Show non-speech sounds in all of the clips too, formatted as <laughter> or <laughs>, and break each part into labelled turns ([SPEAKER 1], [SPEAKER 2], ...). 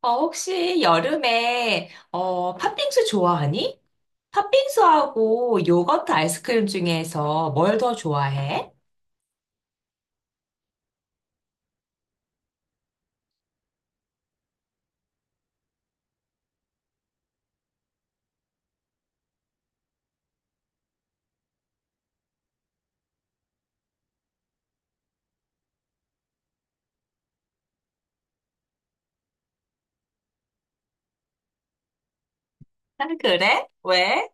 [SPEAKER 1] 혹시 여름에, 팥빙수 좋아하니? 팥빙수하고 요거트 아이스크림 중에서 뭘 더 좋아해? 아, 그래? 왜?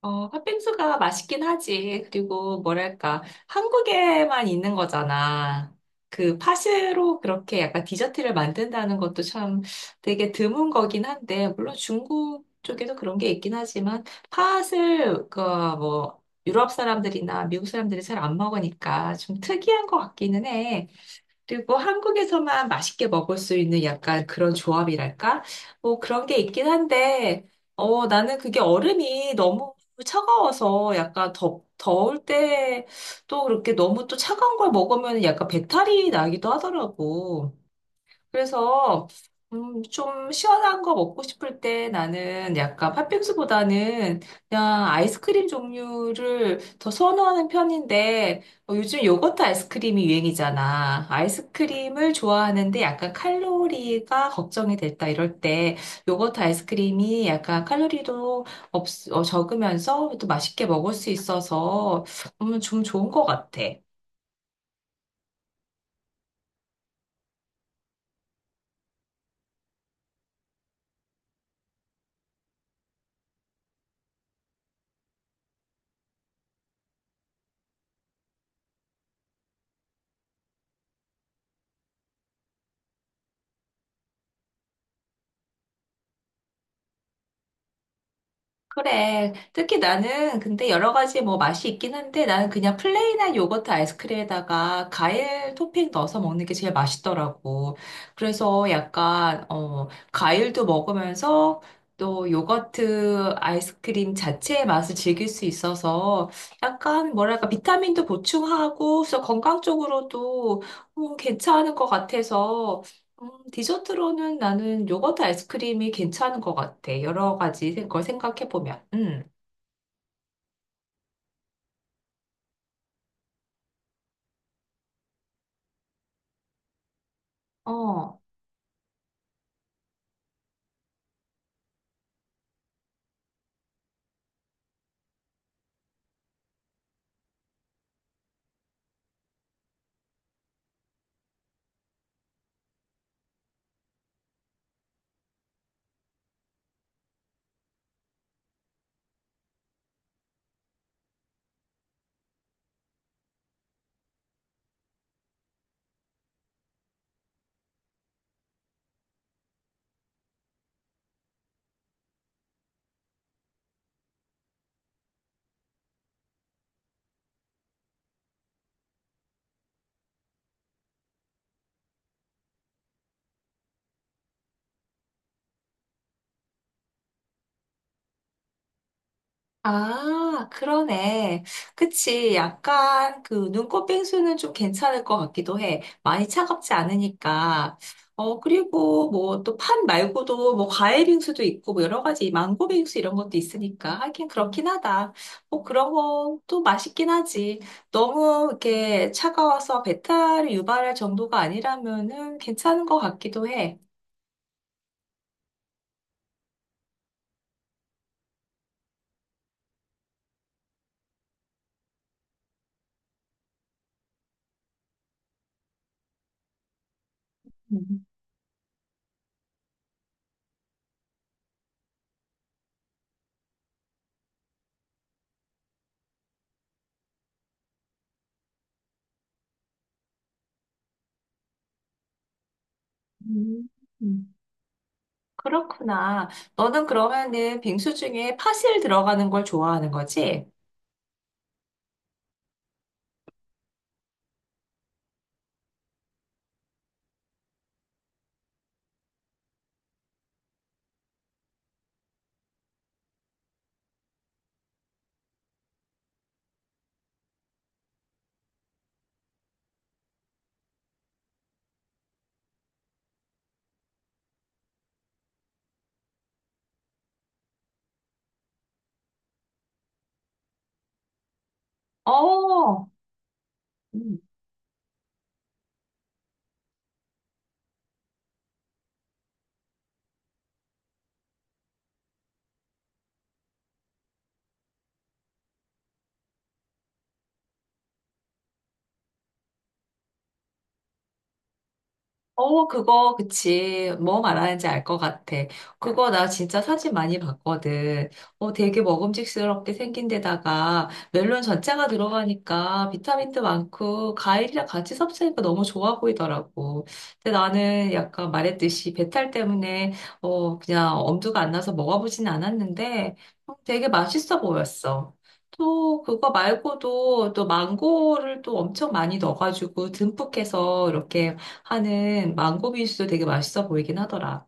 [SPEAKER 1] 팥빙수가 맛있긴 하지. 그리고 뭐랄까, 한국에만 있는 거잖아. 그 팥으로 그렇게 약간 디저트를 만든다는 것도 참 되게 드문 거긴 한데, 물론 중국 쪽에도 그런 게 있긴 하지만, 팥을, 그, 뭐, 유럽 사람들이나 미국 사람들이 잘 안 먹으니까 좀 특이한 것 같기는 해. 그리고 한국에서만 맛있게 먹을 수 있는 약간 그런 조합이랄까? 뭐 그런 게 있긴 한데, 나는 그게 얼음이 너무 차가워서 약간 더울 때 또 그렇게 너무 또 차가운 걸 먹으면 약간 배탈이 나기도 하더라고. 그래서 좀 시원한 거 먹고 싶을 때 나는 약간 팥빙수보다는 그냥 아이스크림 종류를 더 선호하는 편인데 요즘 요거트 아이스크림이 유행이잖아. 아이스크림을 좋아하는데 약간 칼로리가 걱정이 됐다 이럴 때 요거트 아이스크림이 약간 칼로리도 없, 적으면서 또 맛있게 먹을 수 있어서 좀 좋은 것 같아. 그래. 특히 나는 근데 여러 가지 뭐 맛이 있긴 한데 나는 그냥 플레인한 요거트 아이스크림에다가 과일 토핑 넣어서 먹는 게 제일 맛있더라고. 그래서 약간 과일도 먹으면서 또 요거트 아이스크림 자체의 맛을 즐길 수 있어서 약간 뭐랄까 비타민도 보충하고 그래서 건강 적으로도 괜찮은 것 같아서 디저트로는 나는 요거트 아이스크림이 괜찮은 것 같아. 여러 가지 걸 생각해보면. 음. 어. 아, 그러네. 그치. 약간 그 눈꽃 빙수는 좀 괜찮을 것 같기도 해. 많이 차갑지 않으니까. 그리고 뭐 또 팥 말고도 뭐 과일 빙수도 있고 뭐 여러 가지 망고 빙수 이런 것도 있으니까 하긴 그렇긴 하다. 뭐 그런 건 또 맛있긴 하지. 너무 이렇게 차가워서 배탈을 유발할 정도가 아니라면은 괜찮은 것 같기도 해. 음. 음. 음. 그렇구나. 너는 그러면은 빙수 중에 파실 들어가는 걸 좋아하는 거지? 어. 어, 그거, 그치. 뭐 말하는지 알 것 같아. 그거 나 진짜 사진 많이 봤거든. 되게 먹음직스럽게 생긴 데다가 멜론 전체가 들어가니까 비타민도 많고 과일이랑 같이 섭취하니까 너무 좋아 보이더라고. 근데 나는 약간 말했듯이 배탈 때문에 그냥 엄두가 안 나서 먹어보진 않았는데 되게 맛있어 보였어. 또 그거 말고도 또 망고를 또 엄청 많이 넣어가지고 듬뿍 해서 이렇게 하는 망고 빙수도 되게 맛있어 보이긴 하더라.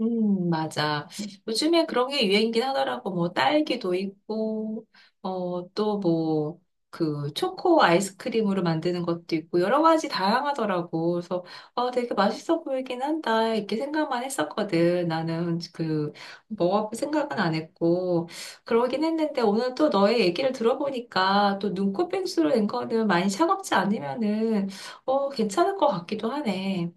[SPEAKER 1] 맞아. 요즘에 그런 게 유행이긴 하더라고. 뭐, 딸기도 있고, 또 뭐, 그, 초코 아이스크림으로 만드는 것도 있고, 여러 가지 다양하더라고. 그래서, 되게 맛있어 보이긴 한다. 이렇게 생각만 했었거든. 나는 그, 먹어볼 생각은 안 했고, 그러긴 했는데, 오늘 또 너의 얘기를 들어보니까, 또 눈꽃뺑수로 된 거는 많이 차갑지 않으면은, 괜찮을 것 같기도 하네.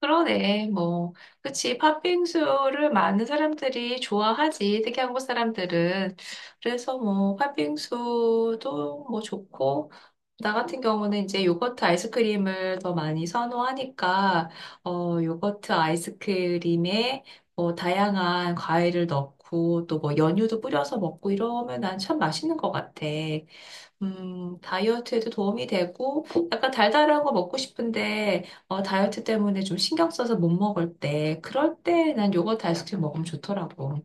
[SPEAKER 1] 그러네, 뭐. 그치, 팥빙수를 많은 사람들이 좋아하지, 특히 한국 사람들은. 그래서 뭐, 팥빙수도 뭐 좋고, 나 같은 경우는 이제 요거트 아이스크림을 더 많이 선호하니까, 요거트 아이스크림에 뭐, 다양한 과일을 넣고, 또 뭐, 연유도 뿌려서 먹고 이러면 난 참 맛있는 것 같아. 다이어트에도 도움이 되고, 약간 달달한 거 먹고 싶은데, 다이어트 때문에 좀 신경 써서 못 먹을 때, 그럴 때 난 요거트 아이스크림 먹으면 좋더라고.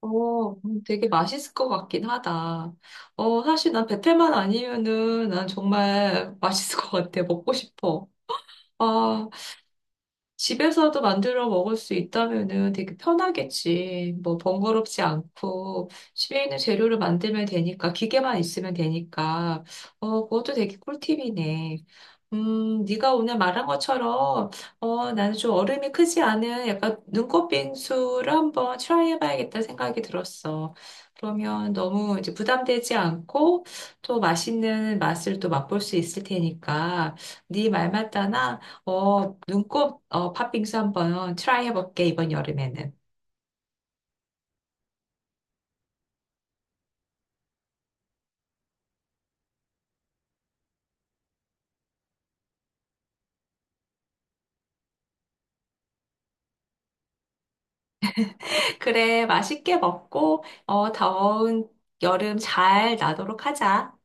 [SPEAKER 1] 되게 맛있을 것 같긴 하다. 사실 난 베테만 아니면은 난 정말 맛있을 것 같아. 먹고 싶어. 아, 집에서도 만들어 먹을 수 있다면은 되게 편하겠지. 뭐 번거롭지 않고 집에 있는 재료를 만들면 되니까 기계만 있으면 되니까 그것도 되게 꿀팁이네. 네가 오늘 말한 것처럼 나는 좀 얼음이 크지 않은 약간 눈꽃 빙수를 한번 트라이 해봐야겠다 생각이 들었어. 그러면 너무 이제 부담되지 않고 또 맛있는 맛을 또 맛볼 수 있을 테니까 네 말 맞다나 팥빙수 한번 트라이 해볼게, 이번 여름에는. <laughs> 그래, 맛있게 먹고, 더운 여름 잘 나도록 하자.